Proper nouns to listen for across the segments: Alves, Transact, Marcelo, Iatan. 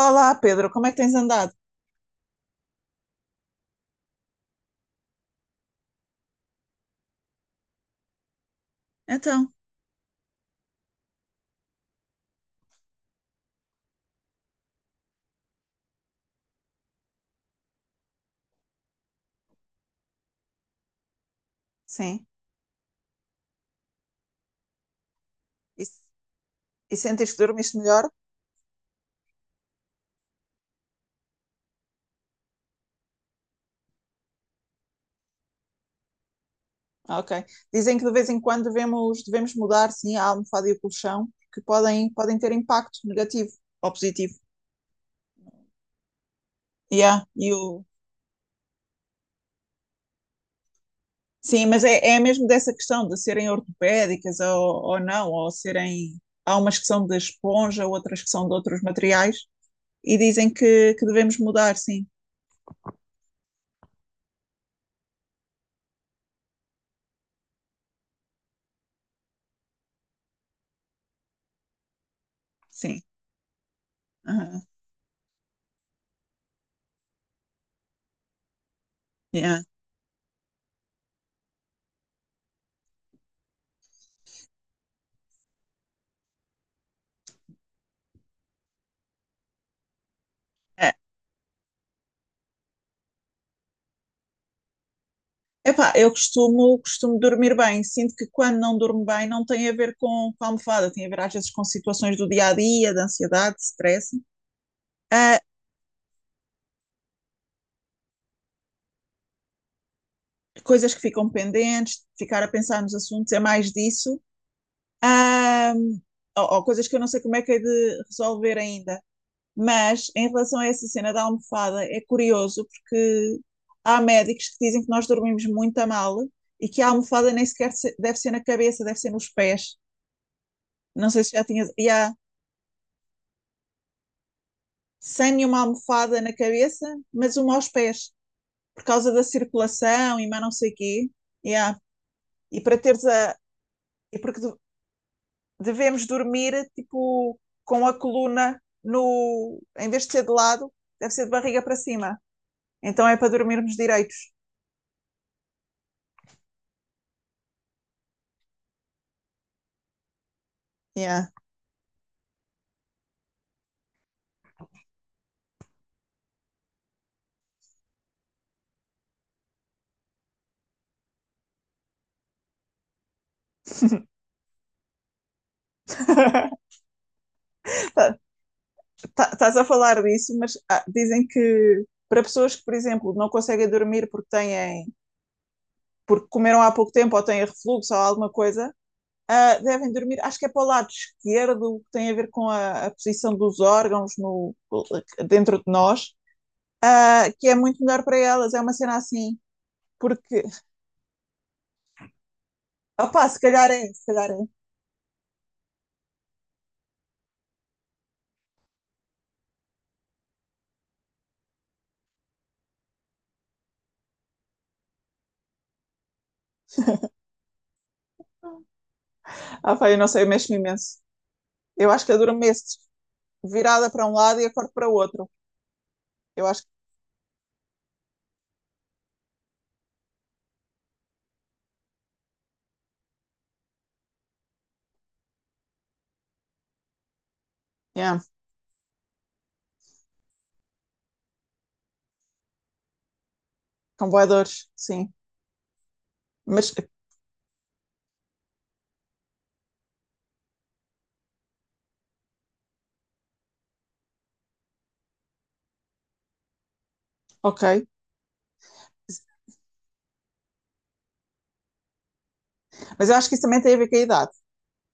Olá, Pedro, como é que tens andado? Então, sim. E, e sentes que dormiste melhor? Ah, Ok. Dizem que de vez em quando devemos mudar, sim, a almofada e o colchão, que podem ter impacto negativo ou positivo. Yeah. Sim, mas é mesmo dessa questão de serem ortopédicas ou não, ou serem. Há umas que são de esponja, outras que são de outros materiais, e dizem que devemos mudar, sim. Sim. Aham. Yeah. Epá, eu costumo dormir bem. Sinto que quando não durmo bem não tem a ver com a almofada, tem a ver às vezes com situações do dia a dia, de ansiedade, de stress. Ah, coisas que ficam pendentes, ficar a pensar nos assuntos, é mais disso. Ah, ou coisas que eu não sei como é que é de resolver ainda. Mas em relação a essa cena da almofada, é curioso porque há médicos que dizem que nós dormimos muito a mal e que a almofada nem sequer deve ser na cabeça, deve ser nos pés. Não sei se já tinhas. Yeah. Sem nenhuma almofada na cabeça, mas uma aos pés, por causa da circulação e mais não sei o quê. Yeah. E para teres a. E porque devemos dormir tipo com a coluna no. Em vez de ser de lado, deve ser de barriga para cima. Então é para dormirmos direitos. Yeah. Tá- Estás a falar disso, mas dizem que para pessoas que, por exemplo, não conseguem dormir porque porque comeram há pouco tempo ou têm refluxo ou alguma coisa, devem dormir, acho que é para o lado esquerdo, que tem a ver com a posição dos órgãos no, dentro de nós, que é muito melhor para elas. É uma cena assim, porque, opá, se calhar é. Ah, pá, eu não sei, eu mexo-me imenso. Eu acho que adormeço virada para um lado e acordo para o outro. Eu acho que, yeah, com voadores, sim. Mas, ok. Mas eu acho que isso também tem a ver com a idade.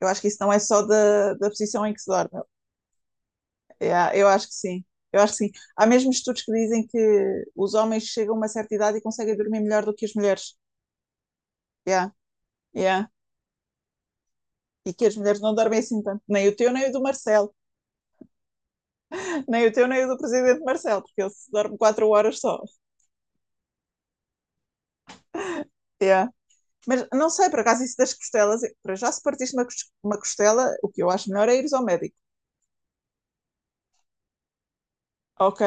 Eu acho que isso não é só da posição em que se dorme. É, eu acho que sim. Eu acho que sim. Há mesmo estudos que dizem que os homens chegam a uma certa idade e conseguem dormir melhor do que as mulheres. Yeah, yeah. E que as mulheres não dormem assim tanto. Nem o teu, nem o do Marcelo. Nem o teu, nem o do presidente Marcelo, porque ele se dorme quatro horas só. Yeah. Mas não sei, por acaso, isso das costelas. Para já, se partiste uma, uma costela, o que eu acho melhor é ires ao médico. Ok?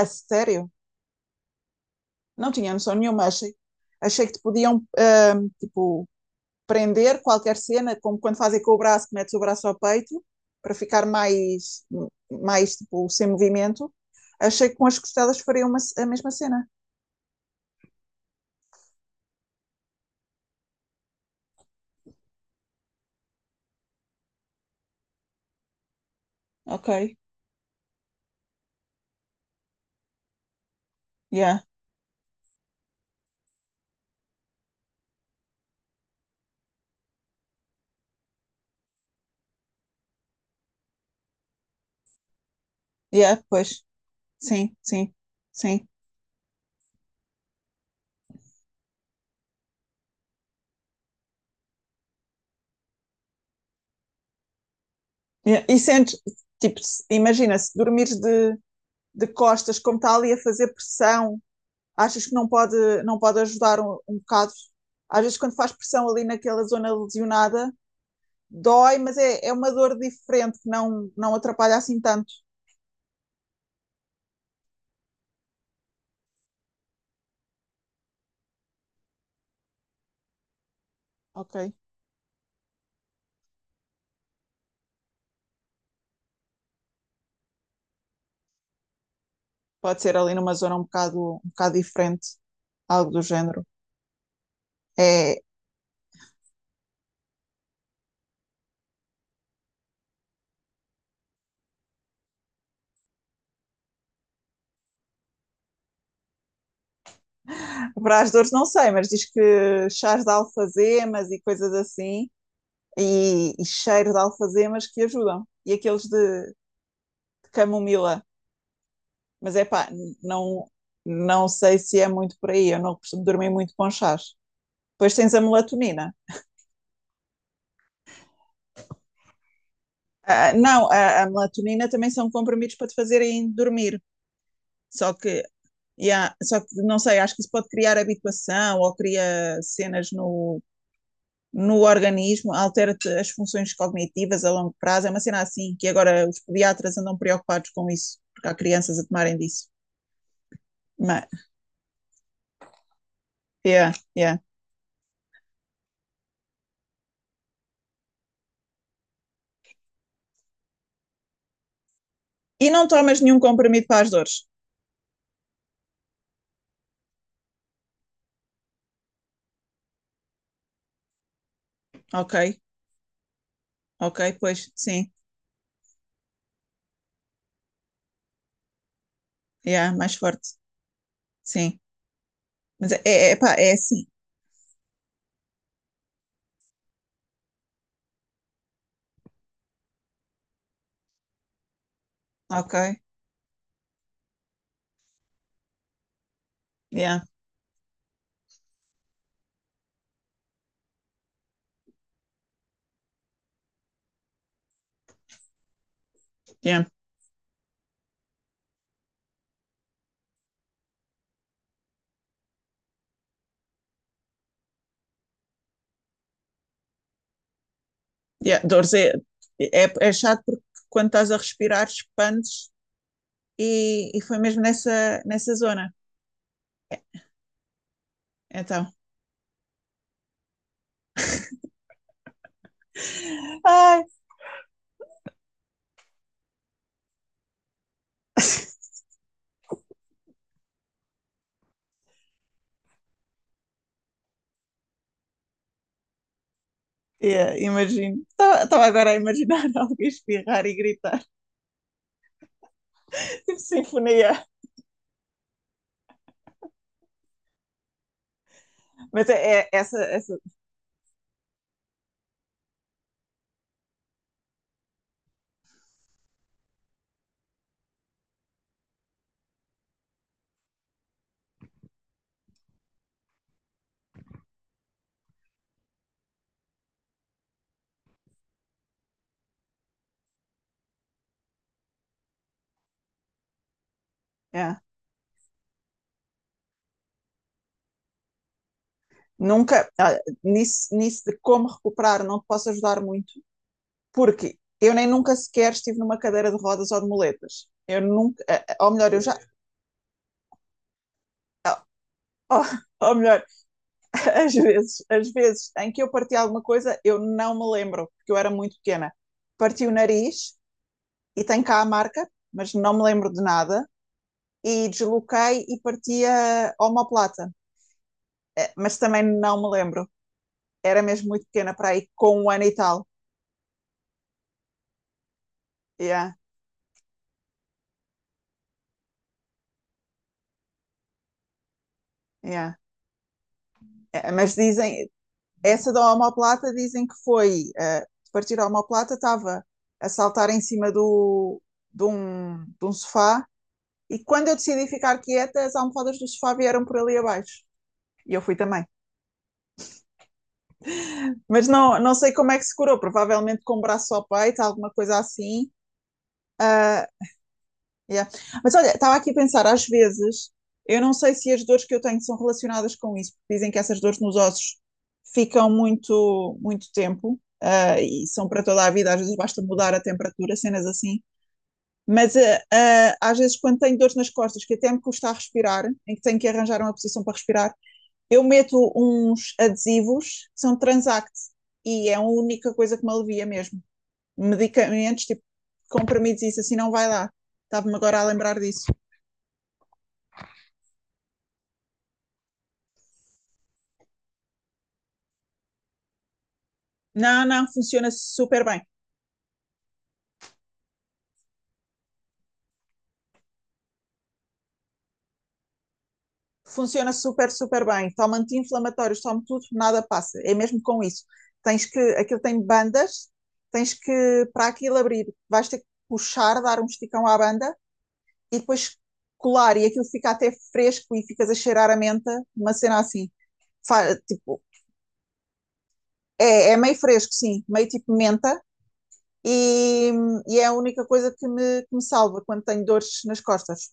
A sério? Não tinha noção nenhuma, achei. Achei que te podiam, tipo, prender qualquer cena, como quando fazem com o braço, que metes o braço ao peito, para ficar mais tipo, sem movimento. Achei que com as costelas faria a mesma cena. Ok, yeah, yeah, pois, sim, sim, sim. Yeah. E sentes, tipo, imagina, se dormires de costas, como está ali a fazer pressão, achas que não pode ajudar um bocado? Às vezes, quando faz pressão ali naquela zona lesionada, dói, mas é uma dor diferente que não atrapalha assim tanto. Ok. Pode ser ali numa zona um bocado diferente, algo do género. É, para as dores não sei, mas diz que chás de alfazemas e coisas assim, e cheiro de alfazemas que ajudam. E aqueles de camomila. Mas é pá, não, não sei se é muito por aí, eu não costumo dormir muito com chás. Depois tens a melatonina. Ah, não, a melatonina também são comprimidos para te fazerem dormir. Só que Yeah, só que não sei, acho que isso pode criar habituação ou cria cenas no organismo, altera-te as funções cognitivas a longo prazo. É uma cena assim que agora os pediatras andam preocupados com isso, porque há crianças a tomarem disso. Mas, yeah, yeah. E não tomas nenhum comprimido para as dores. Ok, ok, pois, sim, yeah, mais forte, sim. Mas é, pá, é assim, ok, yeah, yeah, yeah. Dores é chato porque quando estás a respirar expandes e foi mesmo nessa zona. Então, Ai, yeah, imagino. Estava agora a imaginar alguém espirrar e gritar. Tipo sinfonia. Mas é Essa. Yeah. Nunca. Nisso de como recuperar, não te posso ajudar muito. Porque eu nem nunca sequer estive numa cadeira de rodas ou de muletas. Eu nunca. Ou melhor, eu já. Ou, ou melhor, às vezes em que eu parti alguma coisa, eu não me lembro, porque eu era muito pequena. Parti o nariz e tenho cá a marca, mas não me lembro de nada. E desloquei e parti a omoplata. Mas também não me lembro. Era mesmo muito pequena para aí, com um ano e tal. Yeah, yeah. Mas dizem, essa da omoplata dizem que foi, de partir a omoplata, estava a saltar em cima de um sofá. E quando eu decidi ficar quieta, as almofadas do sofá vieram por ali abaixo. E eu fui também. Mas não sei como é que se curou, provavelmente com o braço ao peito, alguma coisa assim. Ah, yeah. Mas olha, estava aqui a pensar, às vezes, eu não sei se as dores que eu tenho são relacionadas com isso, porque dizem que essas dores nos ossos ficam muito, muito tempo, e são para toda a vida, às vezes basta mudar a temperatura, cenas assim. Mas às vezes, quando tenho dores nas costas, que até me custa a respirar, em que tenho que arranjar uma posição para respirar, eu meto uns adesivos que são Transact, e é a única coisa que me alivia mesmo medicamentos, tipo comprimidos e isso assim não vai lá. Estava-me agora a lembrar disso. Não, não, funciona super bem. Funciona super, super bem. Toma anti-inflamatórios, toma tudo, nada passa. É mesmo com isso. Aquilo tem bandas, tens que, para aquilo abrir, vais ter que puxar, dar um esticão à banda e depois colar e aquilo fica até fresco e ficas a cheirar a menta, uma cena assim. Tipo, é meio fresco, sim, meio tipo menta, e, e é a única coisa que me salva quando tenho dores nas costas.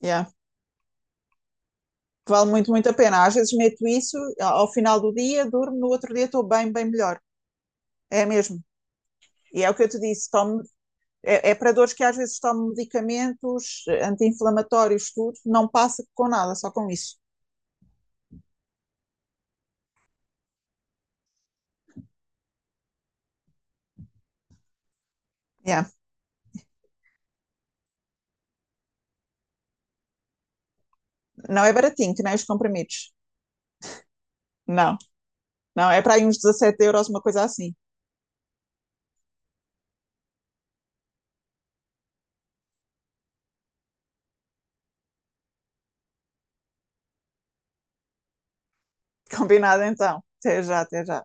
Yeah. Vale muito, muito a pena. Às vezes meto isso, ao final do dia durmo, no outro dia estou bem, bem melhor. É mesmo. E é o que eu te disse, tomo, é para dores que às vezes tomo medicamentos, anti-inflamatórios, tudo, não passa com nada, só com isso. Yeah. Não é baratinho, que nem os comprimidos. Não, não, é para aí uns 17 euros, uma coisa assim. Combinado então. Até já, até já.